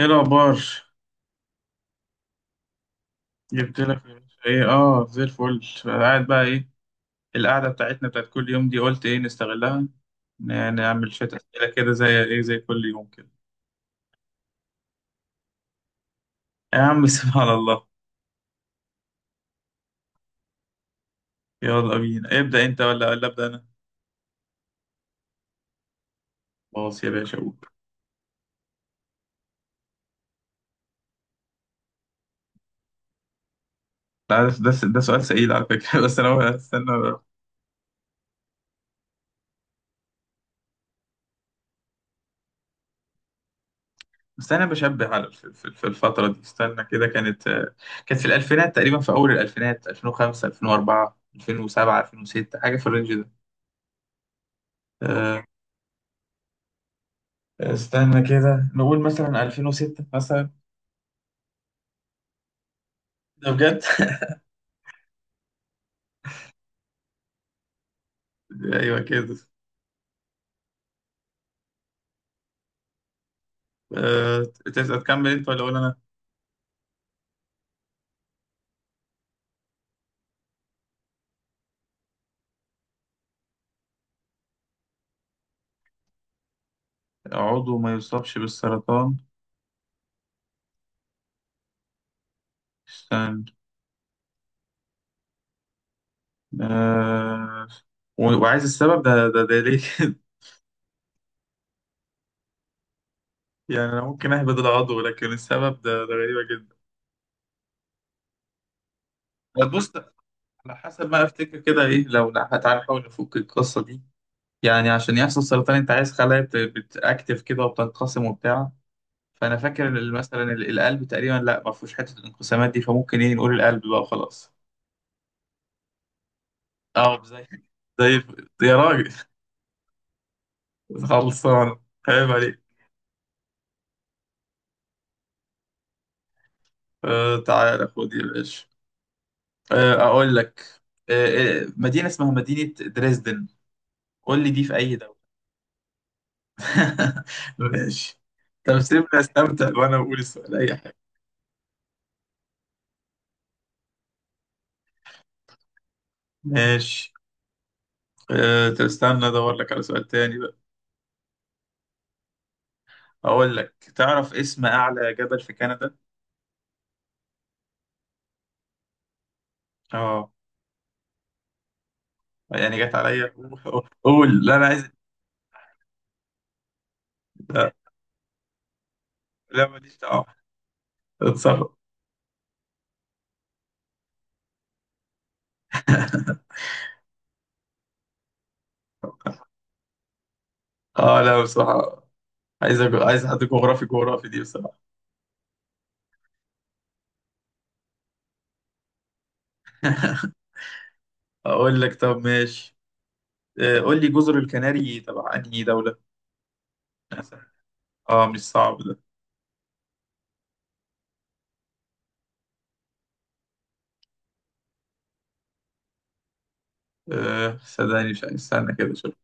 ايه الاخبار؟ جبت لك يا باشا. ايه؟ اه، زي الفل. قاعد بقى ايه؟ القعده بتاعتنا بتاعت كل يوم دي، قلت ايه نستغلها، نعمل شويه اسئله كده، زي ايه، زي كل يوم كده. يا عم سبحان الله. يلا بينا، ابدا انت ولا ابدا انا. خلاص يا باشا، قول. ده سؤال سئيل على فكره بس انا استنى. بس انا بشبه على في الفتره دي، استنى كده، كانت في الالفينات تقريبا، في اول الالفينات. 2005، 2004، 2007، 2006، حاجه في الرينج ده. آه، استنى كده، نقول مثلا 2006 مثلا. ده بجد ايوه كده. أه... تكمل انت ولا اقول انا؟ عضو ما يصابش بالسرطان؟ استنى. أه... وعايز السبب؟ ده ليه كده يعني انا ممكن اهبد العضو، لكن السبب ده غريبة جدا. طب بص، على حسب ما افتكر كده، ايه لو لا، تعالى نحاول نفك القصة دي. يعني عشان يحصل سرطان، انت عايز خلايا بتاكتف كده وبتنقسم وبتاع. فانا فاكر مثلا القلب تقريبا لا، ما فيهوش حته الانقسامات دي، فممكن ايه، نقول القلب بقى وخلاص. اه، زي الف- يا راجل خلصان. عيب عليك. آه، تعالى خد يا باشا. آه، اقول لك. مدينه اسمها مدينه دريسدن، قول لي دي في اي دوله؟ ماشي. طب سيبني استمتع وانا بقول السؤال اي حاجه. ماشي. آه، طب استنى ادور لك على سؤال تاني بقى. اقول لك، تعرف اسم اعلى جبل في كندا؟ اه. يعني جت عليا قول، لا انا عايز. لا، لا، ماليش دعوه، اتصرف. اه لا بصراحه، عايز حد جغرافي، جغرافي دي بصراحه. اقول لك، طب ماشي. آه، قول لي جزر الكناري تبع انهي دوله؟ اه، مش صعب ده. صدقني مش عايز- استنى كده شوف.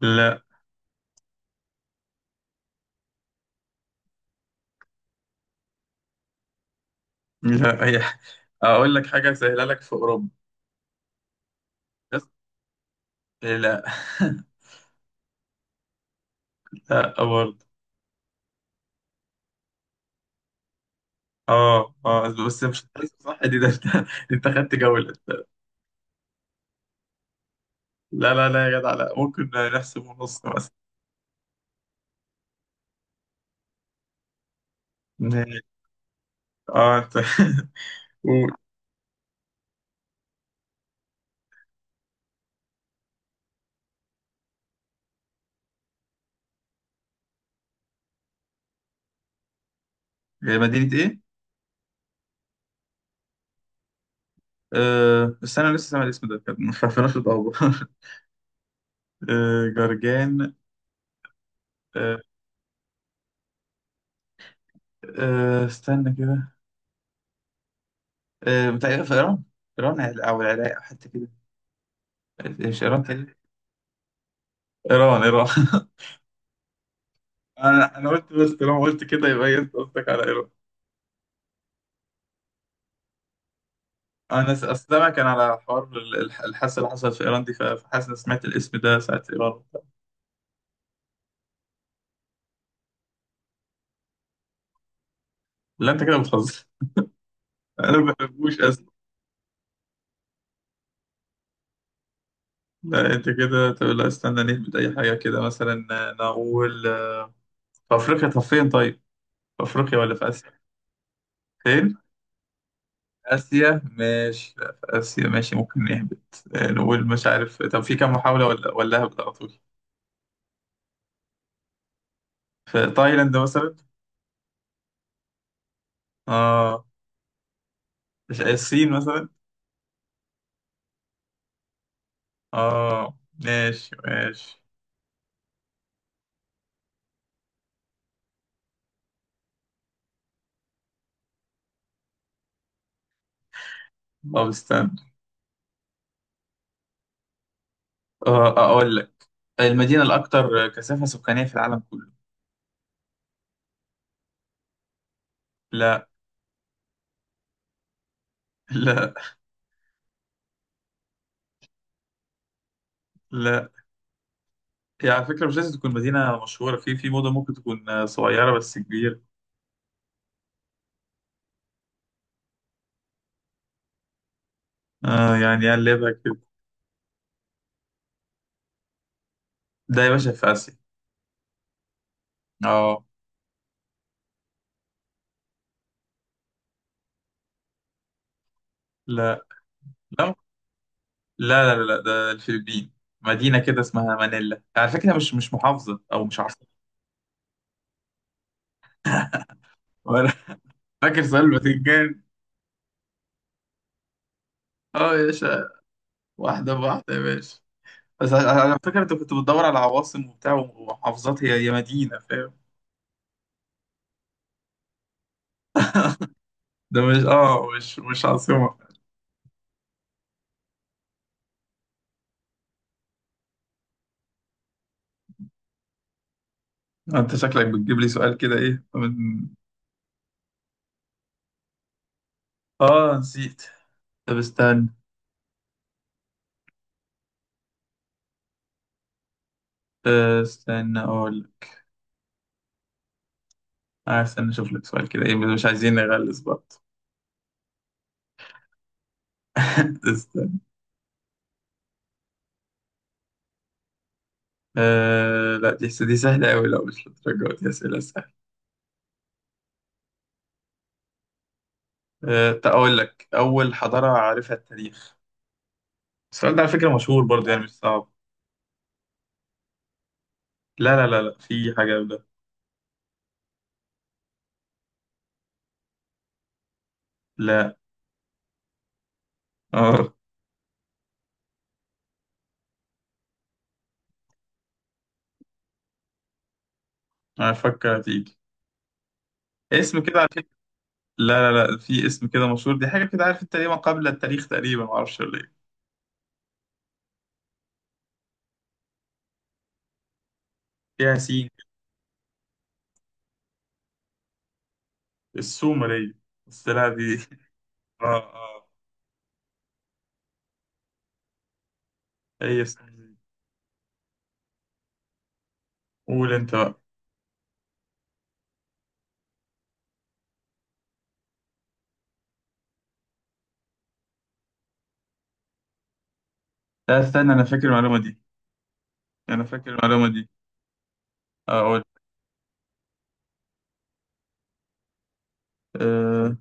لا، لا هي. اقول لك حاجه سهله لك، في اوروبا. بس. آه، لا. لا برضه. اه اه، بس مش. صح، دي ده انت خدت جوله. لا لا لا يا جدع، لا ممكن نحسب ونص مثلا. ماشي. اه انت قول. هي مدينة ايه؟ آه، بس انا لسه سامع الاسم ده، كان ما عرفناش الدور آه جرجان. آه استنى كده. آه، بتاع في ايران. ايران او العراق، أو حتى كده. مش ايران تاني. ايران، ايران انا قلت، بس طالما قلت كده يبقى هي، انت قصدك على ايران. انا أصل سامع كان على حوار الحادثه اللي حصلت في ايران دي، فحاسس إن سمعت الاسم ده ساعه ايران. لا انت كده بتهزر انا ما بحبوش. لا انت كده، طب لا، استنى نهبط اي حاجه كده مثلا. نقول في افريقيا. طب فين؟ طيب، في افريقيا ولا في اسيا؟ فين؟ اسيا، ماشي، لا في اسيا ماشي، ممكن نهبط. نقول مش عارف. طب في كام محاوله، ولا هبط على طول؟ في تايلاند مثلا. اه، مش. الصين مثلا. اه، ماشي ماشي. طب استنى. آه، اقول لك، المدينه الاكثر كثافه سكانيه في العالم كله. لا لا لا. يعني على فكرة، مش لازم تكون مدينة مشهورة، في موضة، ممكن تكون صغيرة بس كبيرة. آه يعني قلبها كده. ده يا باشا في آسيا. اه. لا لا لا لا لا، ده الفلبين. مدينة كده اسمها مانيلا، على فكرة، مش محافظة أو مش عاصمة. ولا فاكر سؤال الفاتيكان. اه يا باشا. واحدة بواحدة يا باشا. بس على فكرة، أنت كنت بتدور على عواصم وبتاع ومحافظات، هي مدينة، فاهم. ده مش، عاصمة أنت شكلك بتجيب لي سؤال كده، إيه من. اه نسيت. طب استنى. استنى اقول. استنى اشوف لك سؤال كده، ايه مش عايزين نغلس برضه. استنى. أه لا، دي سهلة أوي، لا مش للدرجة دي أسئلة سهلة. أه، تقول لك، أول حضارة عارفها التاريخ. السؤال ده على فكرة مشهور برضه يعني، مش صعب. لا لا لا لا، في حاجة ده. لا اه، أنا أفكر هتيجي اسم كده، على فكرة. لا لا لا، في اسم كده مشهور، دي حاجة كده عارف أنت، ليه ما قبل التاريخ تقريبا، معرفش ولا إيه. فيها سين. السومرية. بس لا دي اه اه، هي السومرية. قول أنت بقى. لا استنى، انا فاكر المعلومه دي. انا فاكر المعلومه دي. اقول. أه.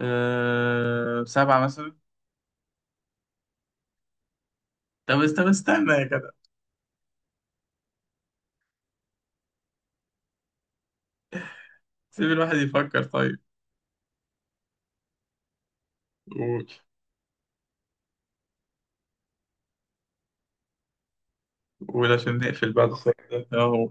7 مثلا. طب استنى يا جدع. سيب الواحد يفكر طيب. قول. قول عشان نقفل بعد السؤال ده اهو.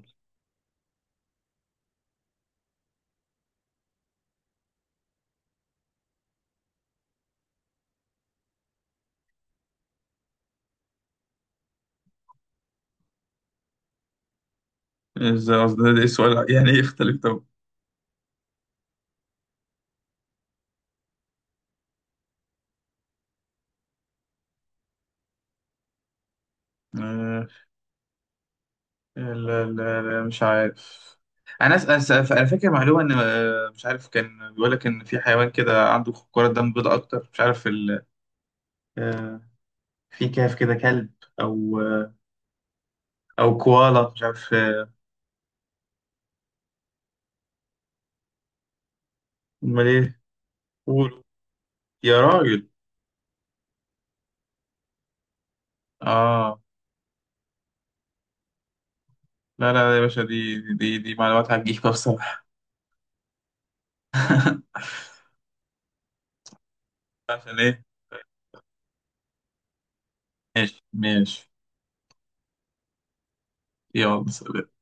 ازاي؟ قصدي ده السؤال يعني ايه يختلف؟ طب. أه، لا لا لا مش عارف. انا انا فاكر معلومه ان مش عارف، كان بيقول لك ان في حيوان كده عنده كرة دم بيضاء اكتر، مش عارف ال... أه، في كهف كده كلب. او آه، او كوالا، مش عارف. امال ايه. قول. يا راجل. اه لا لا لا يا باشا، دي معلومات هتجيبها بصراحة. عشان ايه؟ ماشي ماشي. يلا سلام.